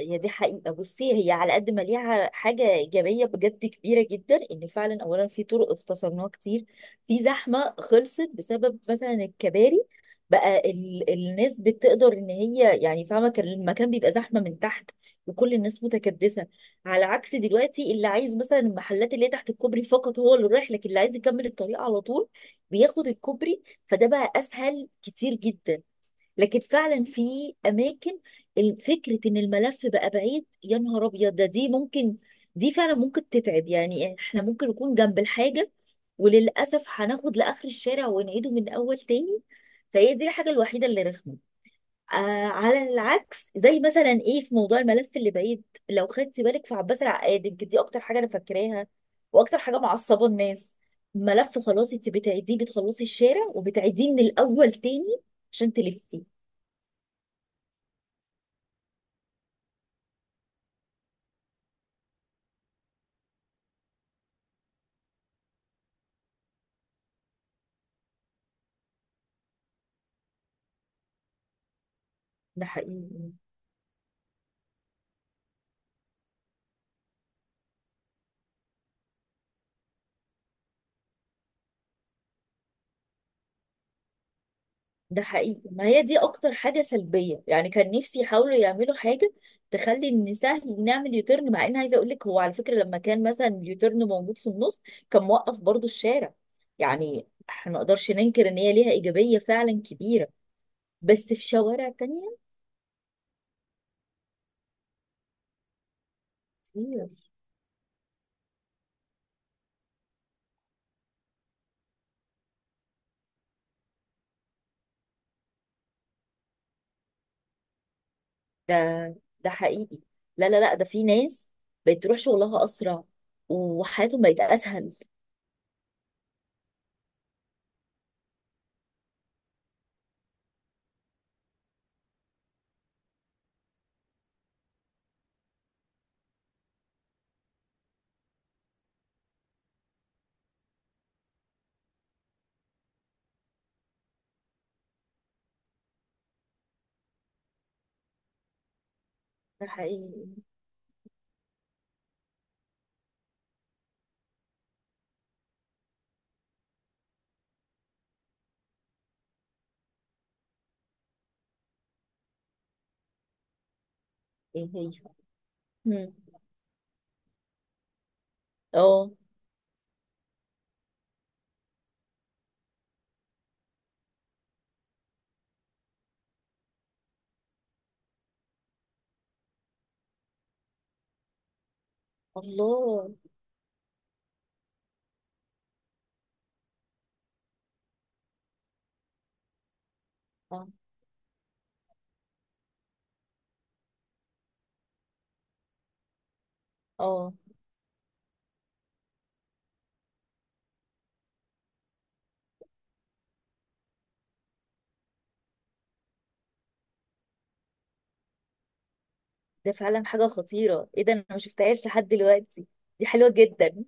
هي دي حقيقة، بصي، هي على قد ما ليها حاجة إيجابية بجد كبيرة جدا، إن فعلا أولا في طرق اختصرناها كتير. في زحمة خلصت بسبب مثلا الكباري. بقى الناس بتقدر إن هي يعني فاهمة، كان المكان بيبقى زحمة من تحت وكل الناس متكدسة، على عكس دلوقتي اللي عايز مثلا المحلات اللي هي تحت الكوبري فقط هو اللي رايح، لكن اللي عايز يكمل الطريق على طول بياخد الكوبري، فده بقى أسهل كتير جدا. لكن فعلا في اماكن، فكره ان الملف بقى بعيد، يا نهار ابيض ده، دي ممكن، دي فعلا ممكن تتعب، يعني احنا ممكن نكون جنب الحاجه وللاسف هناخد لاخر الشارع ونعيده من اول تاني. فهي دي الحاجه الوحيده اللي رخمه. آه. على العكس، زي مثلا ايه، في موضوع الملف اللي بعيد، لو خدتي بالك في عباس العقاد، يمكن دي اكتر حاجه انا فاكراها، واكتر حاجه معصبه الناس. ملف، خلاص انت بتعيديه، بتخلصي الشارع وبتعيديه من الاول تاني عشان تلفي. ده حقيقي. ده حقيقي، ما هي دي اكتر حاجة سلبية، يعني كان نفسي يحاولوا يعملوا حاجة تخلي ان سهل نعمل يوتيرن، مع ان عايزة اقول لك، هو على فكرة لما كان مثلا اليوتيرن موجود في النص كان موقف برضو الشارع. يعني احنا ما نقدرش ننكر ان هي ليها ايجابية فعلا كبيرة، بس في شوارع تانية كتير. ده حقيقي. لا، لا، لا، ده في ناس بقت تروح شغلها اسرع وحياتهم بقت اسهل. ده حقيقي. ايه هي؟ مم. اه. الله. اه. اه. ده فعلا حاجة خطيرة، ايه ده؟ انا ما شفتهاش لحد دلوقتي، دي حلوة جدا.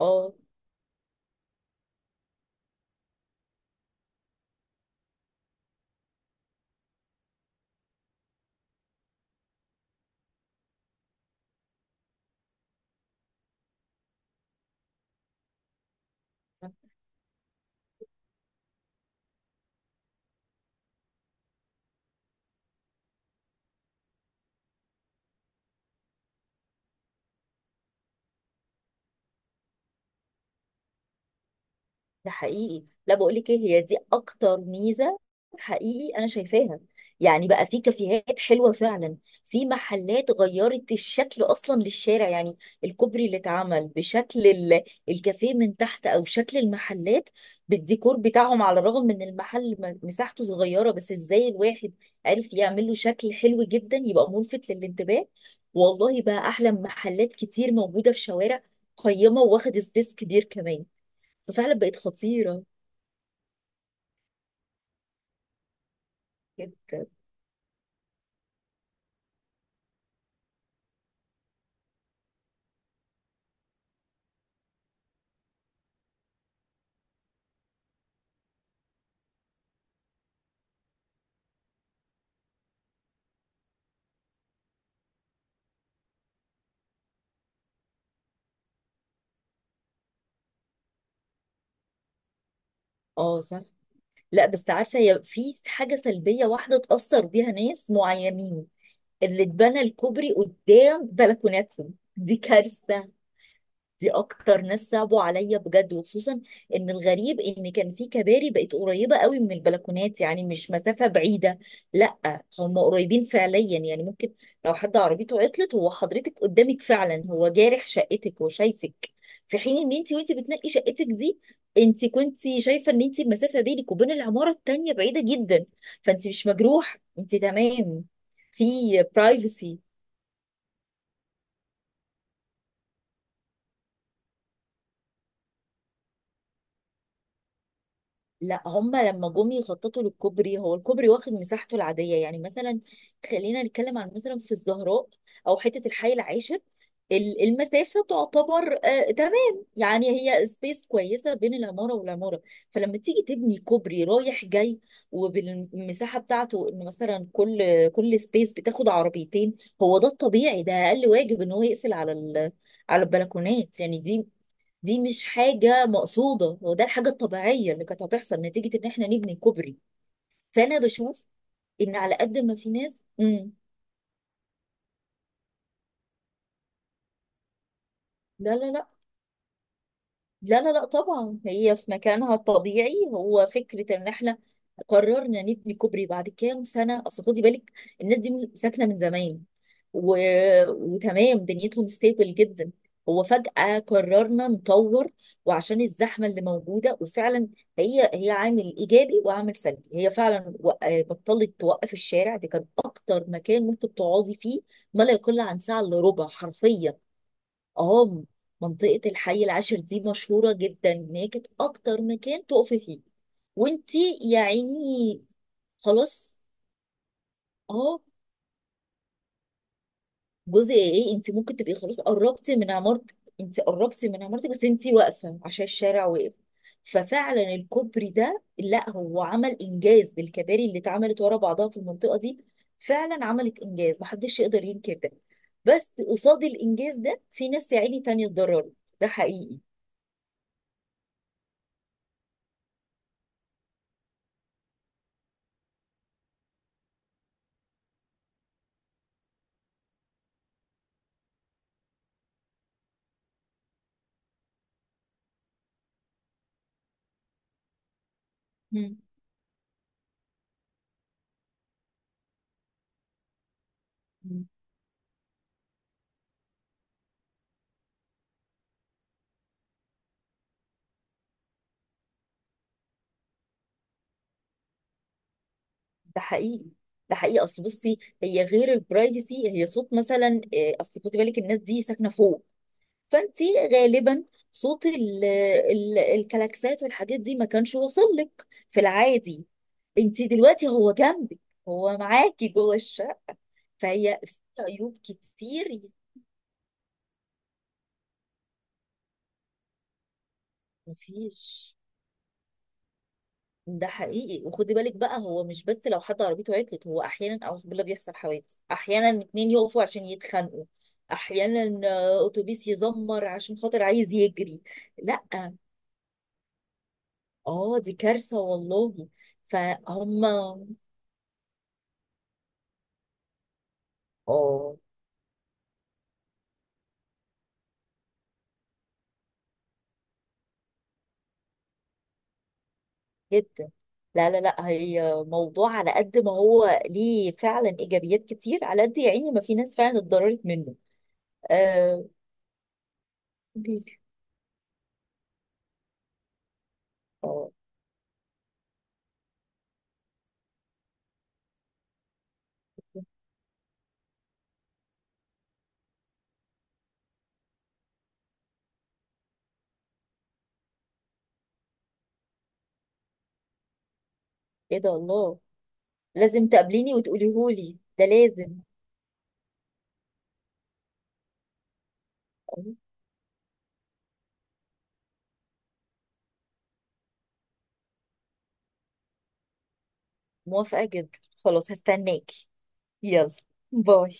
اه. ده حقيقي، لا بقول لك ايه، هي دي اكتر ميزه، حقيقي انا شايفاها. يعني بقى في كافيهات حلوه فعلا، في محلات غيرت الشكل اصلا للشارع، يعني الكوبري اللي اتعمل بشكل الكافيه من تحت، او شكل المحلات بالديكور بتاعهم. على الرغم من المحل مساحته صغيره، بس ازاي الواحد عرف يعمل له شكل حلو جدا، يبقى ملفت للانتباه. والله بقى احلى من محلات كتير موجوده في شوارع قيمه، واخد سبيس كبير كمان. ففعلا بقت خطيرة جدا. اه، صح. لا، بس عارفة، هي في حاجة سلبية واحدة تأثر بيها ناس معينين، اللي اتبنى الكوبري قدام بلكوناتهم، دي كارثة. دي اكتر ناس صعبوا عليا بجد، وخصوصا ان الغريب ان كان في كباري بقت قريبه قوي من البلكونات، يعني مش مسافه بعيده. لا، هم قريبين فعليا، يعني ممكن لو حد عربيته عطلت، هو حضرتك قدامك، فعلا هو جارح شقتك وشايفك، في حين ان انت وانت بتنقي شقتك دي، انت كنت شايفه ان انت المسافه بينك وبين العماره التانيه بعيده جدا، فانت مش مجروح، انت تمام، في برايفسي. لا، هما لما جم يخططوا للكوبري، هو الكوبري واخد مساحته العادية، يعني مثلا خلينا نتكلم عن مثلا في الزهراء أو حتة الحي العاشر، المسافة تعتبر تمام، يعني هي سبيس كويسة بين العمارة والعمارة، فلما تيجي تبني كوبري رايح جاي، وبالمساحة بتاعته، إن مثلا كل سبيس بتاخد عربيتين، هو ده الطبيعي، ده أقل واجب إن هو يقفل على البلكونات يعني، دي دي مش حاجة مقصودة، هو ده الحاجة الطبيعية اللي كانت هتحصل نتيجة ان احنا نبني كوبري. فانا بشوف ان على قد ما في ناس، مم. لا، لا، لا، لا، لا، لا، طبعا هي في مكانها الطبيعي، هو فكرة ان احنا قررنا نبني كوبري بعد كام سنة. اصل خدي بالك الناس دي ساكنة من زمان، و... وتمام دنيتهم ستيبل جدا، هو فجأة قررنا نطور، وعشان الزحمة اللي موجودة، وفعلا هي هي عامل إيجابي وعامل سلبي، هي فعلا بطلت توقف الشارع، دي كان أكتر مكان ممكن تقعدي فيه ما لا يقل عن ساعة إلا ربع حرفيا. اه. منطقة الحي العاشر دي مشهورة جدا إن هي كانت أكتر مكان تقفي فيه، وانتي يا عيني. خلاص. اه. جزء ايه؟ انت ممكن تبقي خلاص قربتي من عمارتك، انت قربتي من عمارتك بس انت واقفه عشان الشارع واقف. ففعلا الكوبري ده، لا، هو عمل انجاز للكباري اللي اتعملت ورا بعضها في المنطقه دي، فعلا عملت انجاز محدش يقدر ينكر ده. بس قصاد الانجاز ده، في ناس يا عيني تانية اتضررت. ده حقيقي. مم. مم. ده حقيقي. ده حقيقي، اصل بصي، هي غير البرايفسي، هي صوت مثلا، اصل خدي بالك الناس دي ساكنه فوق، فانت غالبا صوت ال ال الكلاكسات والحاجات دي ما كانش واصل لك في العادي. انت دلوقتي هو جنبك، هو معاكي جوه الشقه. فهي في عيوب كتير، مفيش. ده حقيقي، وخدي بالك بقى، هو مش بس لو حد عربيته عطلت، هو احيانا اعوذ بالله بيحصل حوادث، احيانا اتنين يقفوا عشان يتخانقوا، احيانا اتوبيس يزمر عشان خاطر عايز يجري. لا. اه، دي كارثه والله. فهم. اه. جدا. لا، لا، لا، هي موضوع على قد ما هو ليه فعلا ايجابيات كتير، على قد يا عيني ما في ناس فعلا اتضررت منه. آه. بيبي. اه. ايه ده؟ الله. لازم تقابليني وتقوليهولي ده، لازم. آه، موافقة جدا، خلاص هستناكي. يلا. باي.